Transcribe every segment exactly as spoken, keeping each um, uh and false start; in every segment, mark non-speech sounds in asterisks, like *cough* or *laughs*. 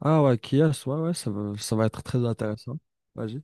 Ah ouais, Kias, ouais, ouais, ça va, ça va être très intéressant. Vas-y.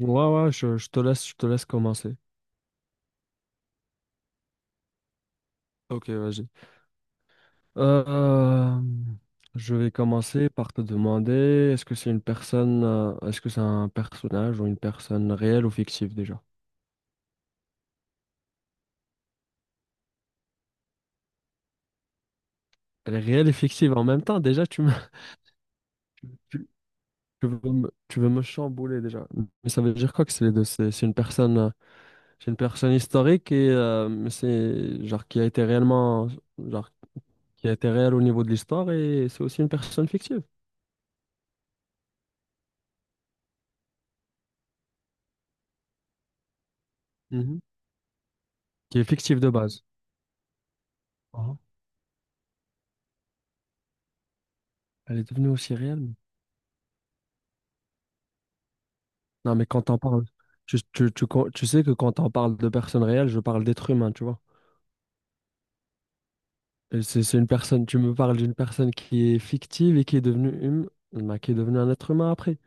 Ouais, ouais, je, je te laisse, je te laisse commencer. Ok, vas-y. Euh, je vais commencer par te demander, est-ce que c'est une personne, euh, est-ce que c'est un personnage ou une personne réelle ou fictive déjà? Elle est réelle et fictive en même temps, déjà, tu me, *laughs* tu, tu veux me, tu veux me chambouler déjà. Mais ça veut dire quoi que c'est les deux? C'est c'est une personne, euh, c'est une personne historique et euh, mais c'est genre qui a été réellement, genre qui était réelle au niveau de l'histoire et c'est aussi une personne fictive. Mhm. Qui est fictive de base. Ah. Elle est devenue aussi réelle. mais- Non, mais quand on parle, tu, tu, tu, con- tu sais que quand on parle de personnes réelles, je parle d'êtres humains, tu vois. Et C'est c'est une personne, tu me parles d'une personne qui est fictive et qui est devenue hum- bah, qui est devenue un être humain après.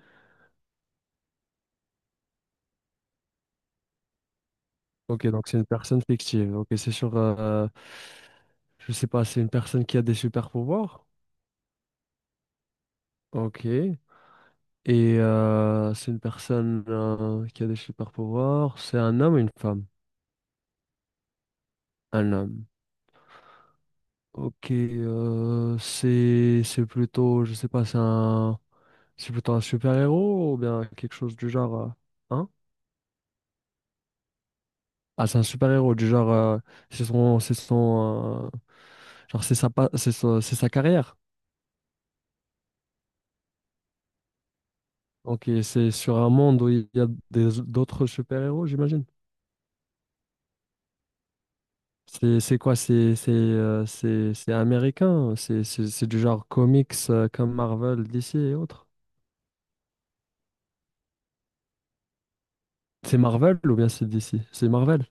Ok, donc c'est une personne fictive. Ok, c'est sur, euh, je sais pas, c'est une personne qui a des super pouvoirs. Ok. Et euh, c'est une personne euh, qui a des super pouvoirs. C'est un homme ou une femme? Un homme. Ok, euh, c'est c'est plutôt, je sais pas, c'est un c'est plutôt un super-héros ou bien quelque chose du genre, euh, hein? Ah, c'est un super-héros du genre, euh, c'est son c'est son euh, genre c'est sa pa- c'est sa c'est sa carrière. Ok, c'est sur un monde où il y a des d'autres super-héros, j'imagine. C'est c'est quoi? C'est c'est euh, c'est c'est américain. C'est c'est c'est du genre comics euh, comme Marvel, D C et autres. C'est Marvel ou bien c'est D C? C'est Marvel.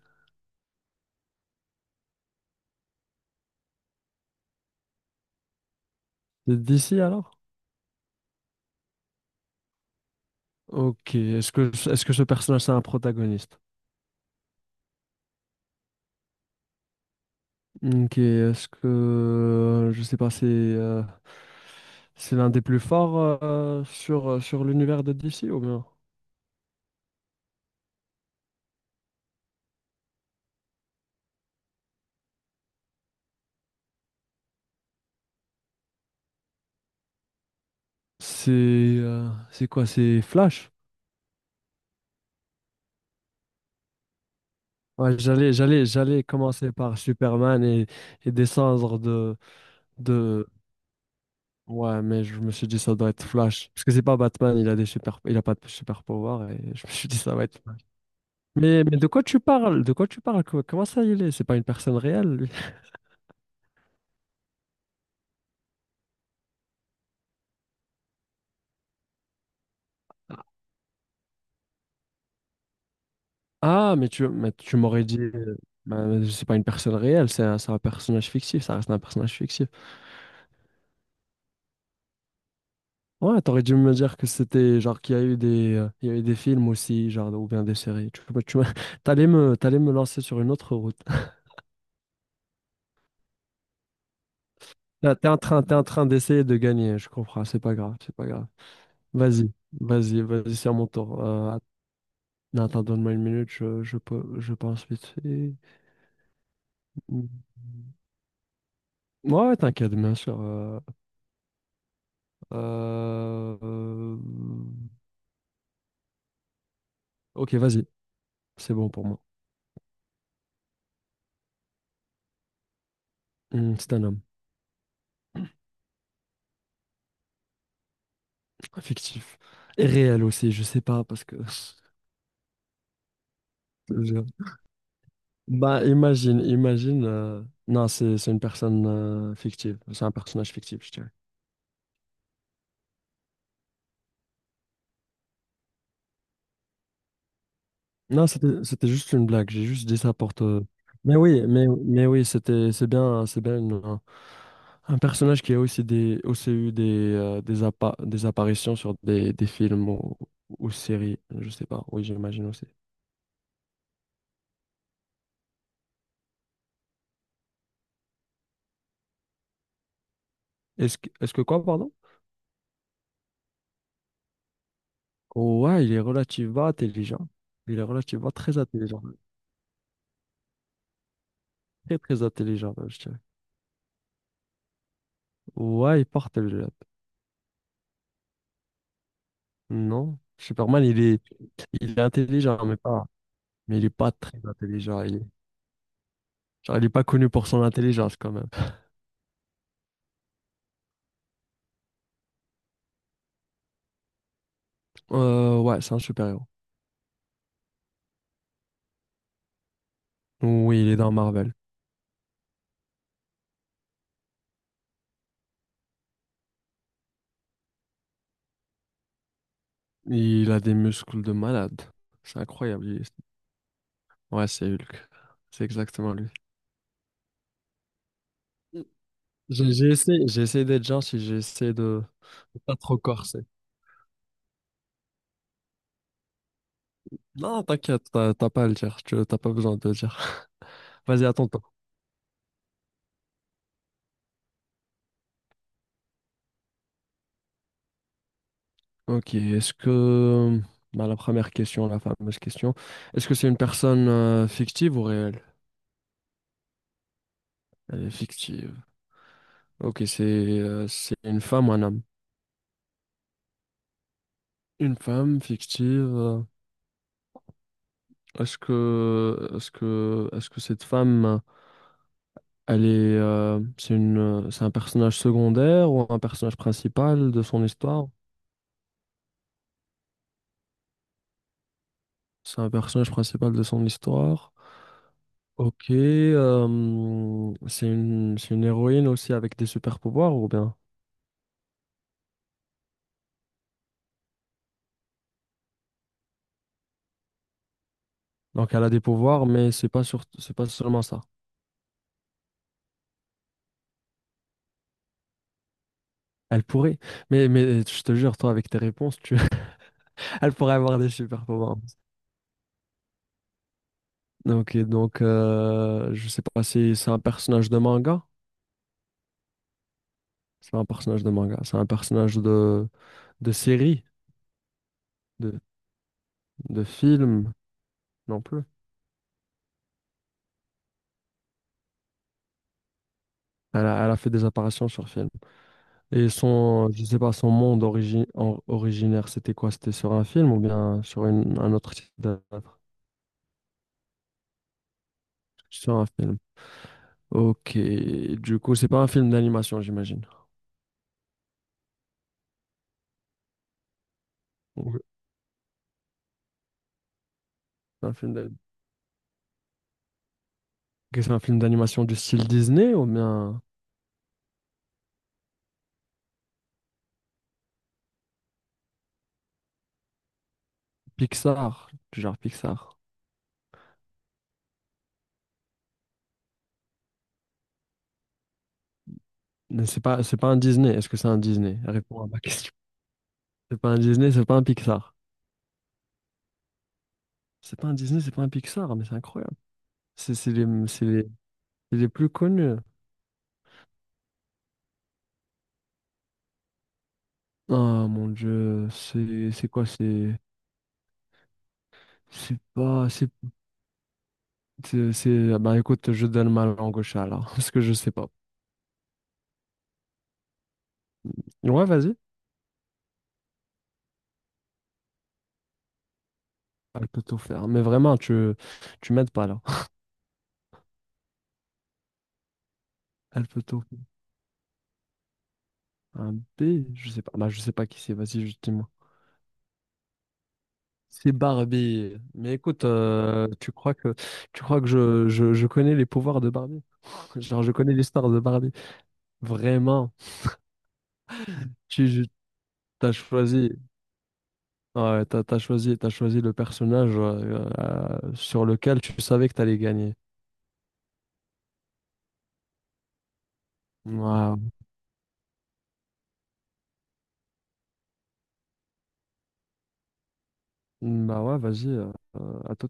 C'est D C alors? Ok, est-ce que, est-ce que ce personnage c'est un protagoniste? Ok, est-ce que, je sais pas, c'est euh, c'est l'un des plus forts euh, sur, euh, sur l'univers de D C ou bien? C'est euh, c'est quoi? C'est Flash? Ouais, j'allais, j'allais, j'allais commencer par Superman et, et descendre de, de... Ouais, mais je me suis dit ça doit être Flash. Parce que c'est pas Batman, il a des super, il a pas de super pouvoir et *laughs* je me suis dit ça va être Flash. Mais, mais de quoi tu parles? De quoi tu parles? Comment comment ça il est? C'est pas une personne réelle, lui. Ah, mais tu, mais tu m'aurais dit, euh, bah, c'est pas une personne réelle, c'est un, c'est un personnage fictif, ça reste un personnage fictif. Ouais, t'aurais dû me dire que c'était, genre, qu'il y a eu des, euh, il y a eu des films aussi, genre, ou bien des séries. Tu, tu, *laughs* t'allais me, t'allais me lancer sur une autre route. *laughs* Là, T'es en train, t'es en train d'essayer de gagner, je comprends, c'est pas grave, c'est pas grave. Vas-y, vas-y, vas-y, c'est à mon tour. Euh, att- non, attends, donne-moi une minute, je, je, peux- je pense vite fait. Ouais, t'inquiète, bien sûr. euh, euh, euh, ok, vas-y. C'est bon pour moi. Hmm, c'est un homme. Fictif. Et réel aussi, je sais pas, parce que... *laughs* Je- Bah, imagine, imagine... euh, Non, c'est c'est une personne euh, fictive. C'est un personnage fictif, je dirais. Non, c'était c'était juste une blague. J'ai juste dit ça pour te... Mais oui, mais, mais oui, c'était, c'est bien, c'est bien une- un, un personnage qui a aussi, des, aussi eu des, euh, des, appa- des apparitions sur des, des films ou, ou séries, je sais pas. Oui, j'imagine aussi. Est-ce que, est-ce que quoi, pardon? Ouais, il est relativement intelligent. Il est relativement très intelligent. Très, très intelligent, même, je dirais. Ouais, il porte le jet. Non, Superman, il est, il est intelligent, mais pas, mais il est pas très intelligent. Il est, genre, il est pas connu pour son intelligence, quand même. Euh, ouais, c'est un super-héros. Oui, il est dans Marvel. Il a des muscles de malade. C'est incroyable. il est- Ouais, c'est Hulk. C'est exactement lui. J'ai j'ai essayé, j'ai essayé d'être gentil, j'ai essayé de de pas trop corser. Non, t'inquiète, t'as t'as pas à le dire, tu- t'as pas besoin de le dire. *laughs* Vas-y, attends-toi. Ok, est-ce que... Bah, la première question, la fameuse question. Est-ce que c'est une personne euh, fictive ou réelle? Elle est fictive. Ok, c'est euh, c'est une femme ou un homme? Une femme fictive. Euh, Est-ce que est-ce que est-ce que cette femme, elle est euh, c'est une euh, c'est un personnage secondaire ou un personnage principal de son histoire? C'est un personnage principal de son histoire. Ok, euh, c'est une, c'est une héroïne aussi avec des super pouvoirs ou bien? Donc elle a des pouvoirs, mais c'est pas sur, c'est pas seulement ça. Elle pourrait, mais mais je te jure, toi avec tes réponses, tu, *laughs* elle pourrait avoir des super pouvoirs. Ok, donc euh, je sais pas si c'est un personnage de manga. C'est pas un personnage de manga, c'est un personnage de de série, de de film non plus. Elle a, elle a fait des apparitions sur film. Et son, je sais pas, son monde origi- or- originaire, c'était quoi? C'était sur un film ou bien sur une- un autre type d'œuvre. Sur un film. Ok, du coup, c'est pas un film d'animation, j'imagine. Oui. C'est un film d'a- que c'est un film d'animation du style Disney ou bien Pixar, du genre Pixar. Mais c'est pas, c'est pas un Disney. Est-ce que c'est un Disney? Réponds à ma question. *laughs* C'est pas un Disney, c'est pas un Pixar. C'est pas un Disney, c'est pas un Pixar, mais c'est incroyable. C'est c'est les, c'est les, c'est les plus connus. Ah mon Dieu, c'est c'est quoi? C'est C'est pas. C'est. C'est- c'est- Bah écoute, je donne ma langue au chat là, *laughs* parce que je sais pas. Ouais, vas-y. Elle peut tout faire. Mais vraiment, tu, tu m'aides pas là. *laughs* Elle peut tout. Faire. Un B, je sais pas. Bah je sais pas qui c'est. Vas-y, juste dis-moi. C'est Barbie. Mais écoute, euh, tu crois que tu crois que je, je, je connais les pouvoirs de Barbie? *laughs* Genre, je connais l'histoire de Barbie. Vraiment. Tu tu- t'as choisi. Ouais, t'as, t'as choisi, t'as choisi le personnage euh, euh, sur lequel tu savais que t'allais gagner. Ouais, Bah ouais, vas-y, euh, à tout.